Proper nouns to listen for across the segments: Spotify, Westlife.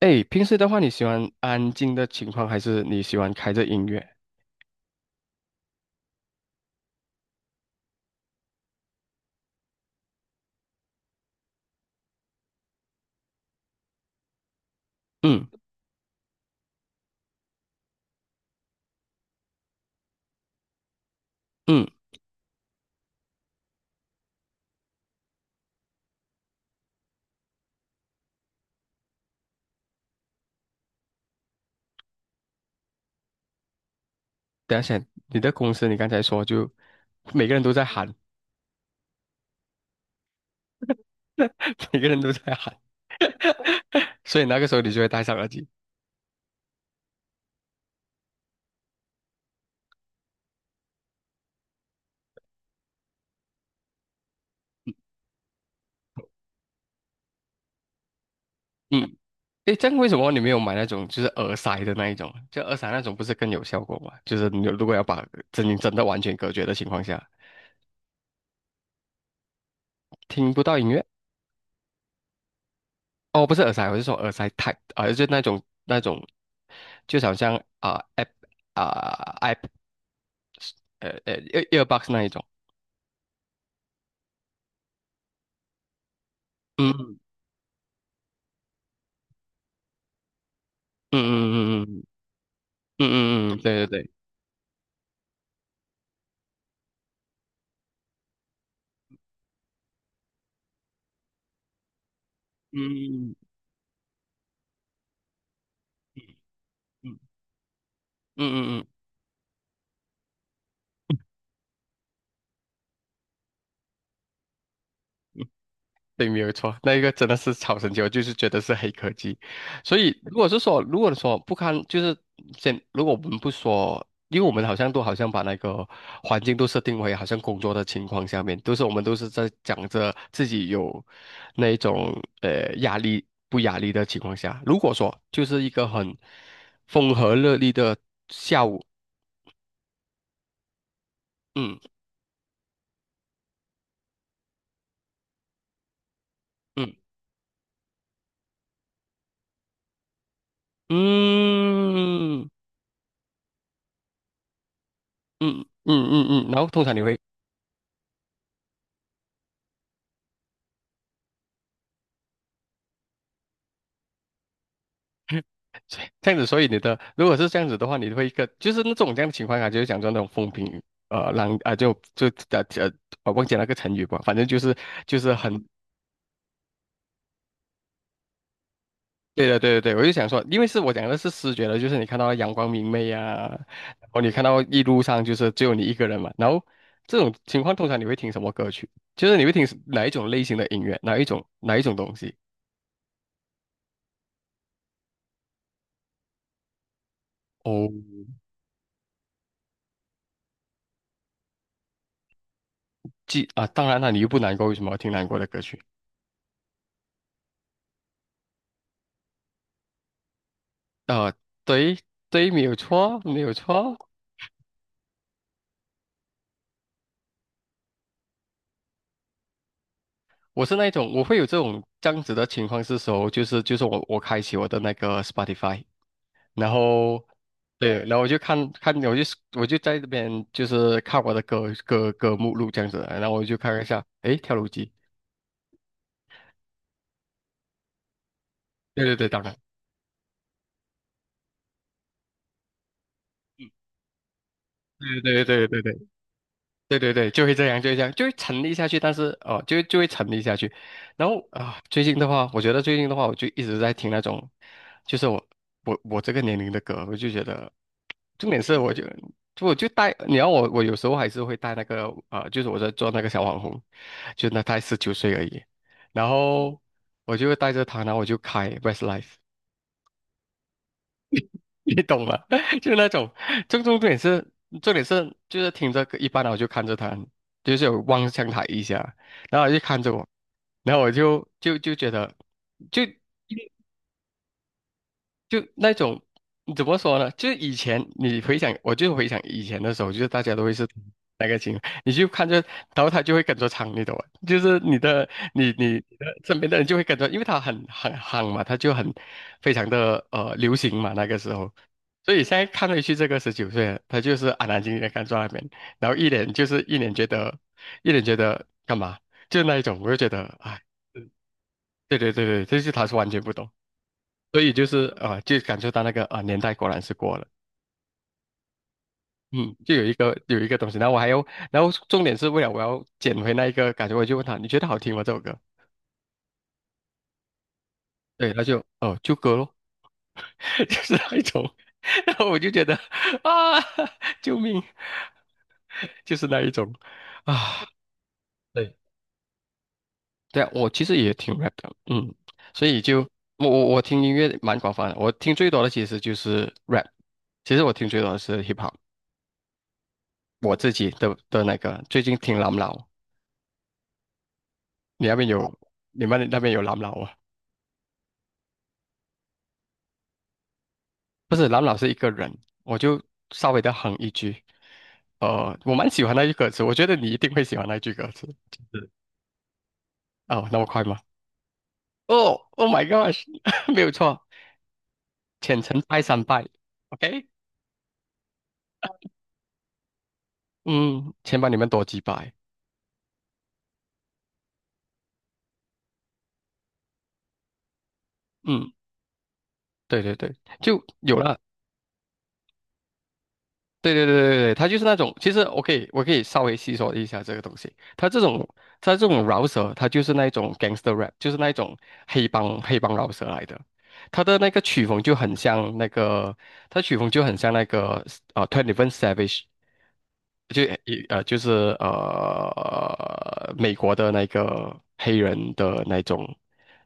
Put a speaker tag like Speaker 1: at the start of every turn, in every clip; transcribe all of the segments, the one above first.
Speaker 1: 哎，平时的话，你喜欢安静的情况，还是你喜欢开着音乐？嗯嗯，等一下先，你的公司你刚才说就每个人都在喊。每个人都在喊。所以那个时候你就会戴上耳机。嗯。哎，这样为什么你没有买那种就是耳塞的那一种？就耳塞那种不是更有效果吗？就是你如果要把声音真的完全隔绝的情况下，听不到音乐。哦，不是耳塞，我是说耳塞 type 啊、就那种，就好像啊、app 啊、app 呃呃 EAREARBOX 那一种。嗯嗯嗯嗯嗯嗯嗯，对对对。嗯嗯嗯嗯嗯，嗯。 对，没有错，那一个真的是超神奇，我就是觉得是黑科技。所以，如果说不堪，就是先，如果我们不说，因为我们好像都把那个环境都设定为好像工作的情况下面，我们都是在讲着自己有那一种压力不压力的情况下，如果说就是一个很风和日丽的下午。嗯。嗯。嗯嗯嗯嗯嗯。嗯，然后通常你会 这样子，所以你的如果是这样子的话，你会一个就是那种这样的情况啊，就是讲说那种风平浪啊，就就呃呃，我忘记那个成语吧，反正就是很。对的，对的，对的。我就想说，因为是我讲的是视觉的，就是你看到阳光明媚呀、啊，然后你看到一路上就是只有你一个人嘛，然后这种情况通常你会听什么歌曲？就是你会听哪一种类型的音乐，哪一种东西？哦，记啊，当然了，你又不难过，为什么要听难过的歌曲？啊、对对，没有错，没有错。我是那一种，我会有这种这样子的情况是时候，就是我开启我的那个 Spotify，然后对，然后我就看看，我就在这边就是看我的歌目录这样子，然后我就看一下，诶，跳楼机。对对对，当然。对对对对对对对对，就会这样，就会沉溺下去。但是哦，就会沉溺下去。然后啊，最近的话，我觉得最近的话，我就一直在听那种，就是我这个年龄的歌，我就觉得，重点是我就带，你要我有时候还是会带那个啊，就是我在做那个小网红，就那才十九岁而已，然后我就带着他，然后我就开 Westlife。你懂吗？就是那种，重重点是，重点是，就是听着歌一般我就看着他，就是有望向他一下，然后他就看着我，然后我就觉得，就就那种怎么说呢？就是以前你回想，我就回想以前的时候，就是大家都会是那个情况，你就看着，然后他就会跟着唱，你懂吗？就是你的，你的身边的人就会跟着，因为他很夯嘛，他就很非常的流行嘛，那个时候。所以现在看回去，这个十九岁了他就是安安静静的看着那边，然后一脸觉得，一脸觉得干嘛，就那一种，我就觉得，哎，对对对对，这就是他是完全不懂。所以就是啊、就感受到那个啊、年代果然是过了。嗯，就有一个东西，然后我还要，然后重点是为了我要捡回那一个感觉，我就问他你觉得好听吗这首歌？对，他就哦、就歌咯。就是那一种。然后我就觉得啊救命，就是那一种啊。对。对啊，我其实也挺 rap 的，嗯，所以就我我我听音乐蛮广泛的。我听最多的其实就是 rap，其实我听最多的是 hip hop，我自己的那个最近听朗朗。你那边有你们那边有蓝老啊？不是，蓝老是一个人，我就稍微的哼一句，呃，我蛮喜欢那句歌词，我觉得你一定会喜欢那句歌词。就是哦，那么快吗？哦，Oh my gosh。没有错。浅城拜三拜，OK，嗯，先把你们多几百，嗯，对对对，就有了。对对对对对，它就是那种，其实我可以稍微细说一下这个东西。它这种饶舌，它就是那种 gangster rap，就是那种黑帮饶舌来的。它的那个曲风就很像那个，它曲风就很像那个Twenty One Savage，就一呃，就是呃，美国的那个黑人的那种，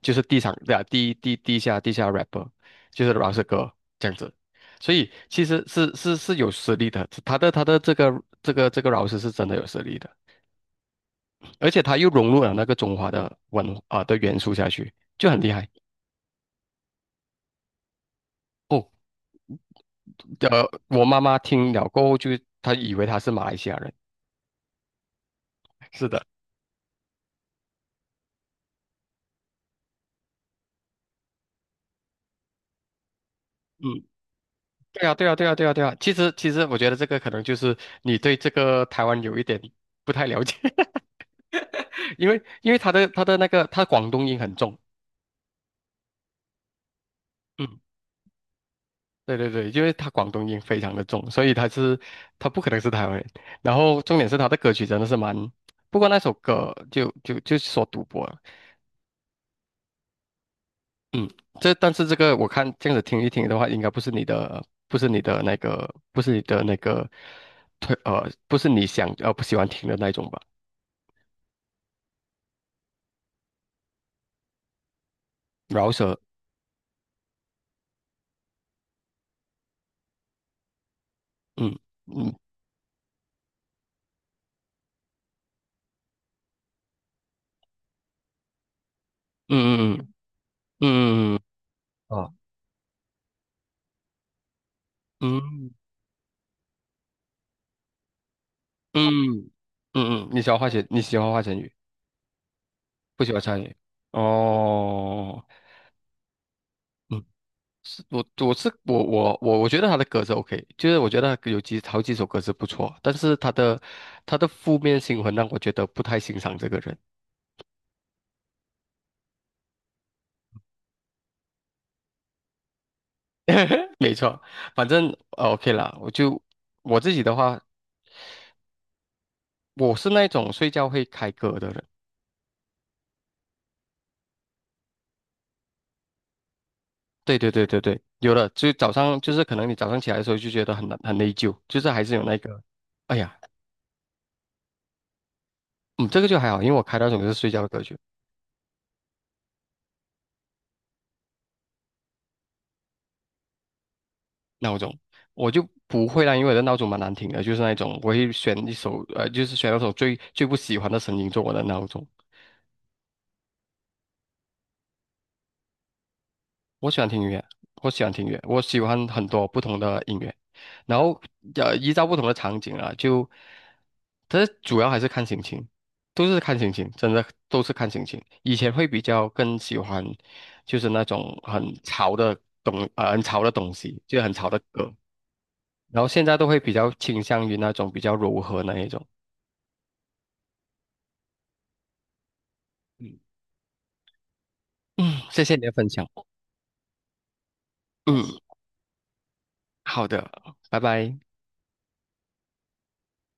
Speaker 1: 就是地上对啊，地下 rapper，就是饶舌歌这样子。所以其实是有实力的，他的这个饶舌是真的有实力的，而且他又融入了那个中华的文啊、的元素下去，就很厉害哦。呃，我妈妈听了过后就她以为他是马来西亚人，是的，嗯。对啊，对啊，对啊，对啊，对啊。其实，其实我觉得这个可能就是你对这个台湾有一点不太了解。因为他的他的那个他广东音很重，嗯，对对对，因为他广东音非常的重，所以他不可能是台湾人。然后重点是他的歌曲真的是蛮，不过那首歌就就就是说赌博了，嗯，但是这个我看这样子听一听的话，应该不是你的，不是你的那个推，不是你想不喜欢听的那种吧，饶舌。嗯。嗯。嗯嗯嗯嗯嗯嗯嗯嗯嗯。嗯嗯，你喜欢你喜欢花钱鱼，不喜欢鲨鱼。哦。嗯。是我我是我我我我觉得他的歌是 OK，就是我觉得他有几好几首歌是不错，但是他的负面新闻让我觉得不太欣赏这个人。没错，反正OK 啦，我自己的话，我是那种睡觉会开歌的人。对对对对对，有的，就早上就是可能你早上起来的时候就觉得很难很内疚，就是还是有那个，哎呀，嗯，这个就还好，因为我开那种就是睡觉的歌曲闹钟，我就不会啦，因为我的闹钟蛮难听的，就是那种我会选一首，就是选那种最不喜欢的声音做我的闹钟。我喜欢听音乐，我喜欢很多不同的音乐，然后，依照不同的场景啊，就，但是主要还是看心情，真的都是看心情。以前会比较更喜欢，就是那种很潮的很潮的东西，就很潮的歌，然后现在都会比较倾向于那种比较柔和那一种。嗯，谢谢你的分享。嗯，好的，拜拜。